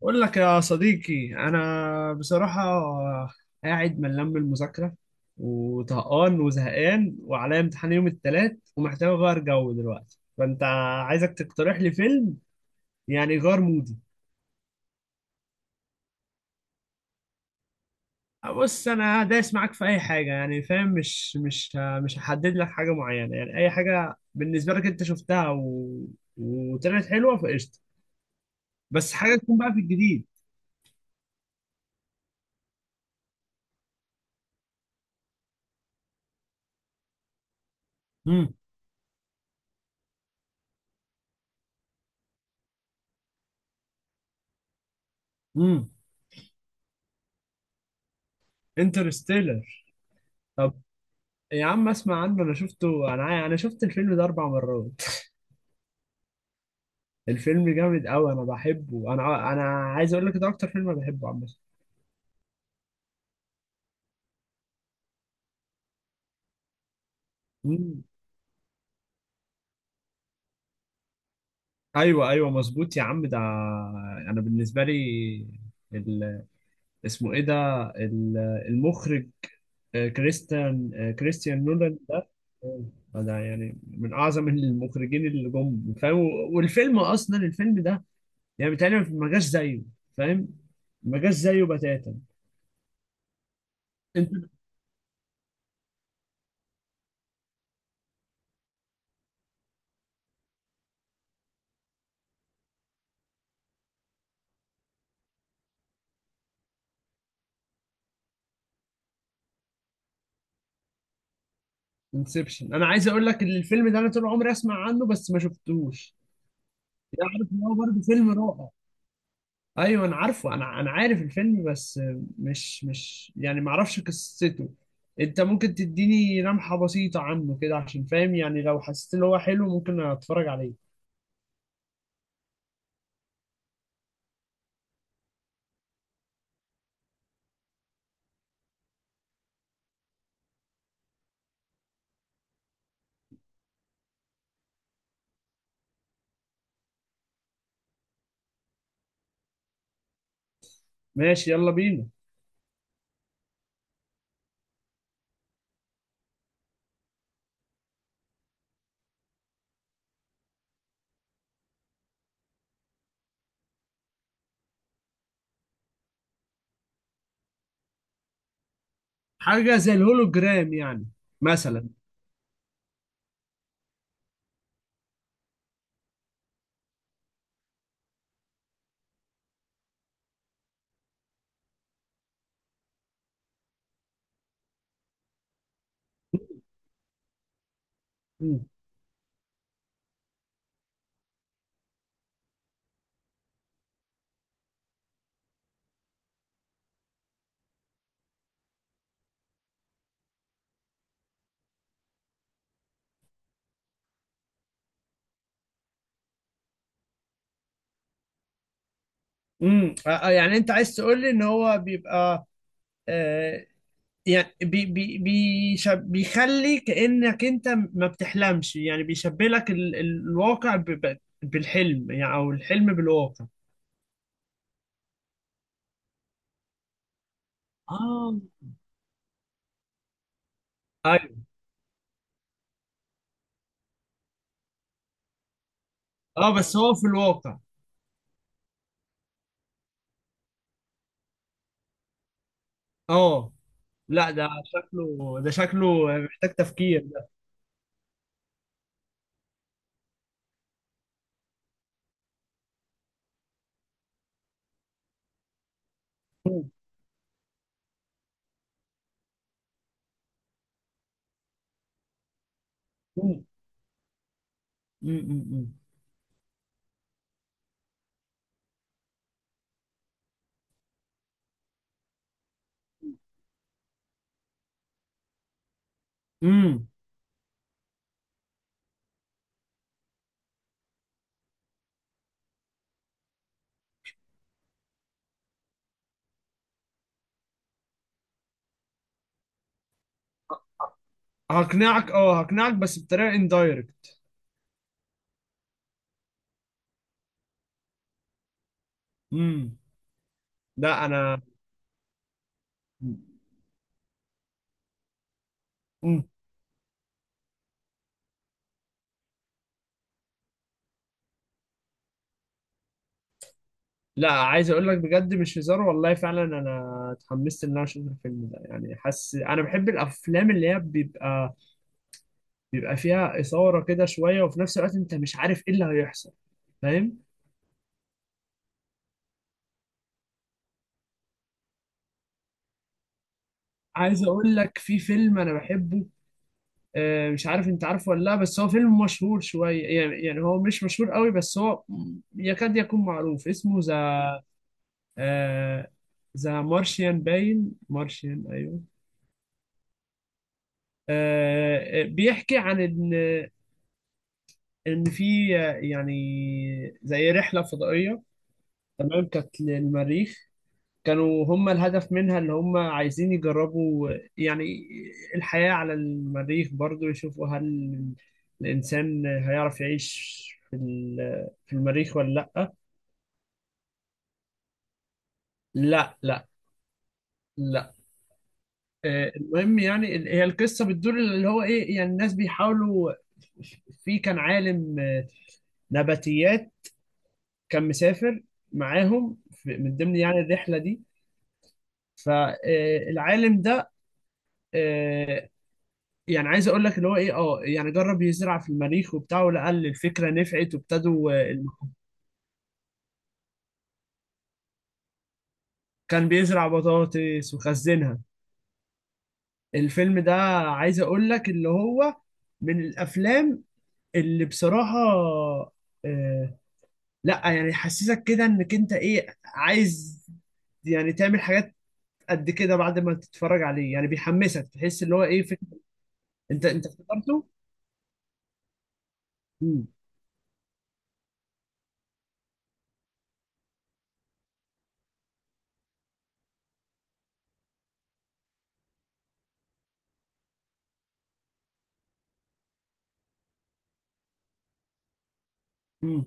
بقول لك يا صديقي انا بصراحه قاعد ملان من المذاكره وطهقان وزهقان وعليا امتحان يوم الثلاث ومحتاج اغير جو دلوقتي. فانت عايزك تقترح لي فيلم يعني يغير مودي. بص انا دايس معاك في اي حاجه، يعني فاهم، مش هحدد لك حاجه معينه، يعني اي حاجه بالنسبه لك انت شفتها وطلعت حلوه فقشطه. بس حاجه تكون بقى في الجديد. امم امم انترستيلر. يا عم اسمع عنه، انا شفته، انا شفت الفيلم ده اربع مرات. الفيلم جامد قوي، انا بحبه، انا عايز اقول لك ده اكتر فيلم أنا بحبه، عم. مم. ايوه ايوه مظبوط يا عم ده. انا بالنسبه لي ال... اسمه ايه ده؟ ال... المخرج، كريستيان نولان ده. آه، ده يعني من اعظم المخرجين اللي جم، فاهم. والفيلم اصلا الفيلم ده يعني بيتهيألي ما جاش زيه، فاهم، ما جاش زيه بتاتا. انت. انسبشن، انا عايز اقول لك ان الفيلم ده انا طول عمري اسمع عنه بس ما شفتوش. يعني عارف ان هو برضه فيلم رائع. ايوه انا عارفه، انا عارف الفيلم، بس مش يعني ما اعرفش قصته. انت ممكن تديني لمحة بسيطة عنه كده عشان فاهم يعني، لو حسيت ان هو حلو ممكن اتفرج عليه. ماشي، يلا بينا. حاجة زي الهولوجرام يعني؟ مثلا. امم. امم. يعني انت عايز تقول لي ان هو بيبقى، آه، يعني بي بي بيشب بيخلي كأنك انت ما بتحلمش، يعني بيشبه لك الواقع ب بالحلم يعني، او الحلم بالواقع. اه. ايوه. اه بس هو في الواقع. اه. لا ده شكله، ده شكله محتاج تفكير ده. مم، مم، مم، مم، مم. هقنعك، اه هقنعك بس بطريقة اندايركت. امم. لا انا. مم. لا، عايز اقول لك بجد مش هزار والله، فعلا انا اتحمست ان انا اشوف الفيلم ده. يعني حاسس انا بحب الافلام اللي هي بيبقى فيها اثاره كده شويه، وفي نفس الوقت انت مش عارف ايه اللي هيحصل، فاهم. عايز اقول لك في فيلم انا بحبه، مش عارف انت عارفه ولا لا، بس هو فيلم مشهور شويه يعني، يعني هو مش مشهور قوي بس هو يكاد يكون معروف. اسمه ذا، آه، ذا مارشيان. باين مارشيان، ايوه. بيحكي عن إن، ان في، يعني زي رحله فضائيه، تمام، كانت للمريخ. كانوا هم الهدف منها اللي هم عايزين يجربوا، يعني الحياه على المريخ برضو، يشوفوا هل الانسان هيعرف يعيش في في المريخ ولا لا. لا لا. لا. المهم يعني هي القصه بتدور اللي هو ايه، يعني الناس بيحاولوا. في كان عالم نباتيات، كان مسافر معاهم من ضمن يعني الرحله دي. فالعالم ده آه، يعني عايز اقول لك اللي هو ايه، اه يعني جرب يزرع في المريخ وبتاع ولقى الفكره نفعت، وابتدوا كان بيزرع بطاطس وخزنها. الفيلم ده عايز اقول لك اللي هو من الافلام اللي بصراحه، آه، لا يعني يحسسك كده انك انت ايه عايز يعني تعمل حاجات قد كده بعد ما تتفرج عليه. يعني بيحمسك تحس اللي هو ايه انت انت افتكرته؟ مم.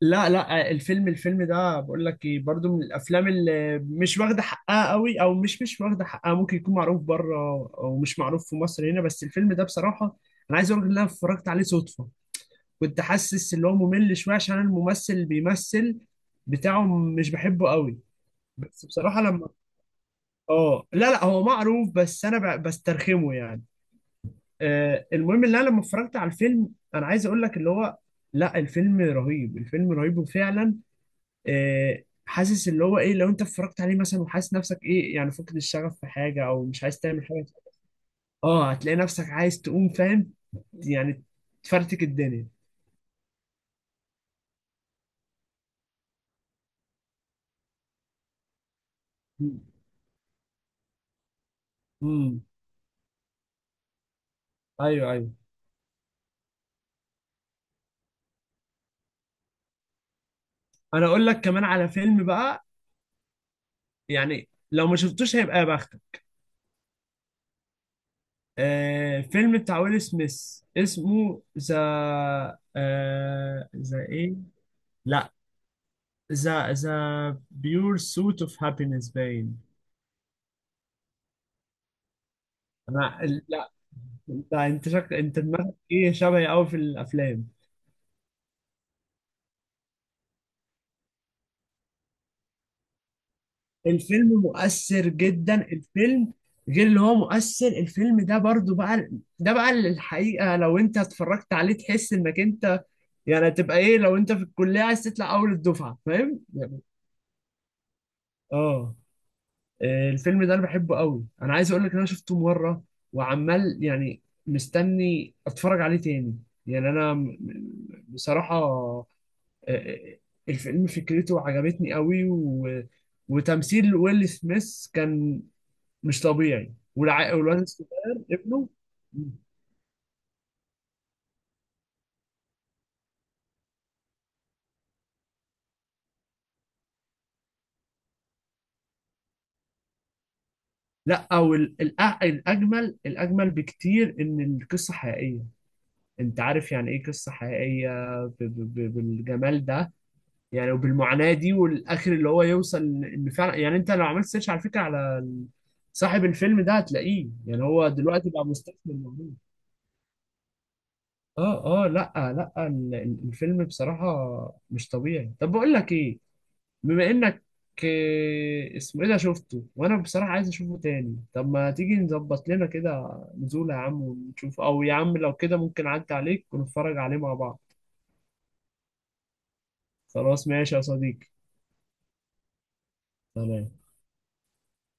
لا لا الفيلم، الفيلم ده بقول لك ايه برضو من الافلام اللي مش واخده حقها قوي، او مش واخده حقها، ممكن يكون معروف بره او مش معروف في مصر هنا، بس الفيلم ده بصراحه انا عايز اقول لك ان انا اتفرجت عليه صدفه. كنت حاسس ان هو ممل شويه عشان أنا الممثل اللي بيمثل بتاعه مش بحبه قوي، بس بصراحه لما. اه لا لا هو معروف بس انا بسترخمه يعني. آه المهم ان انا لما اتفرجت على الفيلم انا عايز اقول لك اللي هو، لا الفيلم رهيب، الفيلم رهيب وفعلا، حاسس اللي هو ايه، لو انت اتفرجت عليه مثلا وحاسس نفسك ايه يعني فقد الشغف في حاجه او مش عايز تعمل حاجه، اه هتلاقي نفسك عايز تقوم، فاهم يعني، تفرتك الدنيا. امم. ايوه ايوه. انا اقول لك كمان على فيلم بقى، يعني لو ما شفتوش هيبقى يا بختك. آه فيلم بتاع ويل سميث اسمه ذا، آه ذا ايه. لا ذا، ذا بيور سوت اوف هابينس. باين. انا. لا. انت انت انت دماغك ايه شبهي قوي في الافلام. الفيلم مؤثر جدا الفيلم، غير اللي هو مؤثر، الفيلم ده برضو بقى، ده بقى اللي الحقيقة لو انت اتفرجت عليه تحس انك انت يعني تبقى ايه، لو انت في الكلية عايز تطلع اول الدفعة فاهم يعني. اه. الفيلم ده انا بحبه قوي، انا عايز اقول لك ان انا شفته مرة وعمال يعني مستني اتفرج عليه تاني. يعني انا بصراحة، آه، آه، الفيلم فكرته عجبتني قوي. وتمثيل ويل سميث كان مش طبيعي، والواد الصغير ابنه. لا او الاجمل، الاجمل بكتير ان القصه حقيقيه. انت عارف يعني ايه قصه حقيقيه بالجمال ده؟ يعني وبالمعاناه دي والاخر اللي هو يوصل. ان فعلا يعني انت لو عملت سيرش على فكره على صاحب الفيلم ده هتلاقيه، يعني هو دلوقتي بقى مستثمر. اه اه، لا لا الفيلم بصراحة مش طبيعي. طب بقول لك ايه، بما انك، اسمه ايه ده شفته وانا بصراحة عايز اشوفه تاني. طب ما تيجي نظبط لنا كده نزولة يا عم ونشوف، او يا عم لو كده ممكن اعدي عليك ونتفرج عليه مع بعض. خلاص، ماشي يا صديقي. تمام.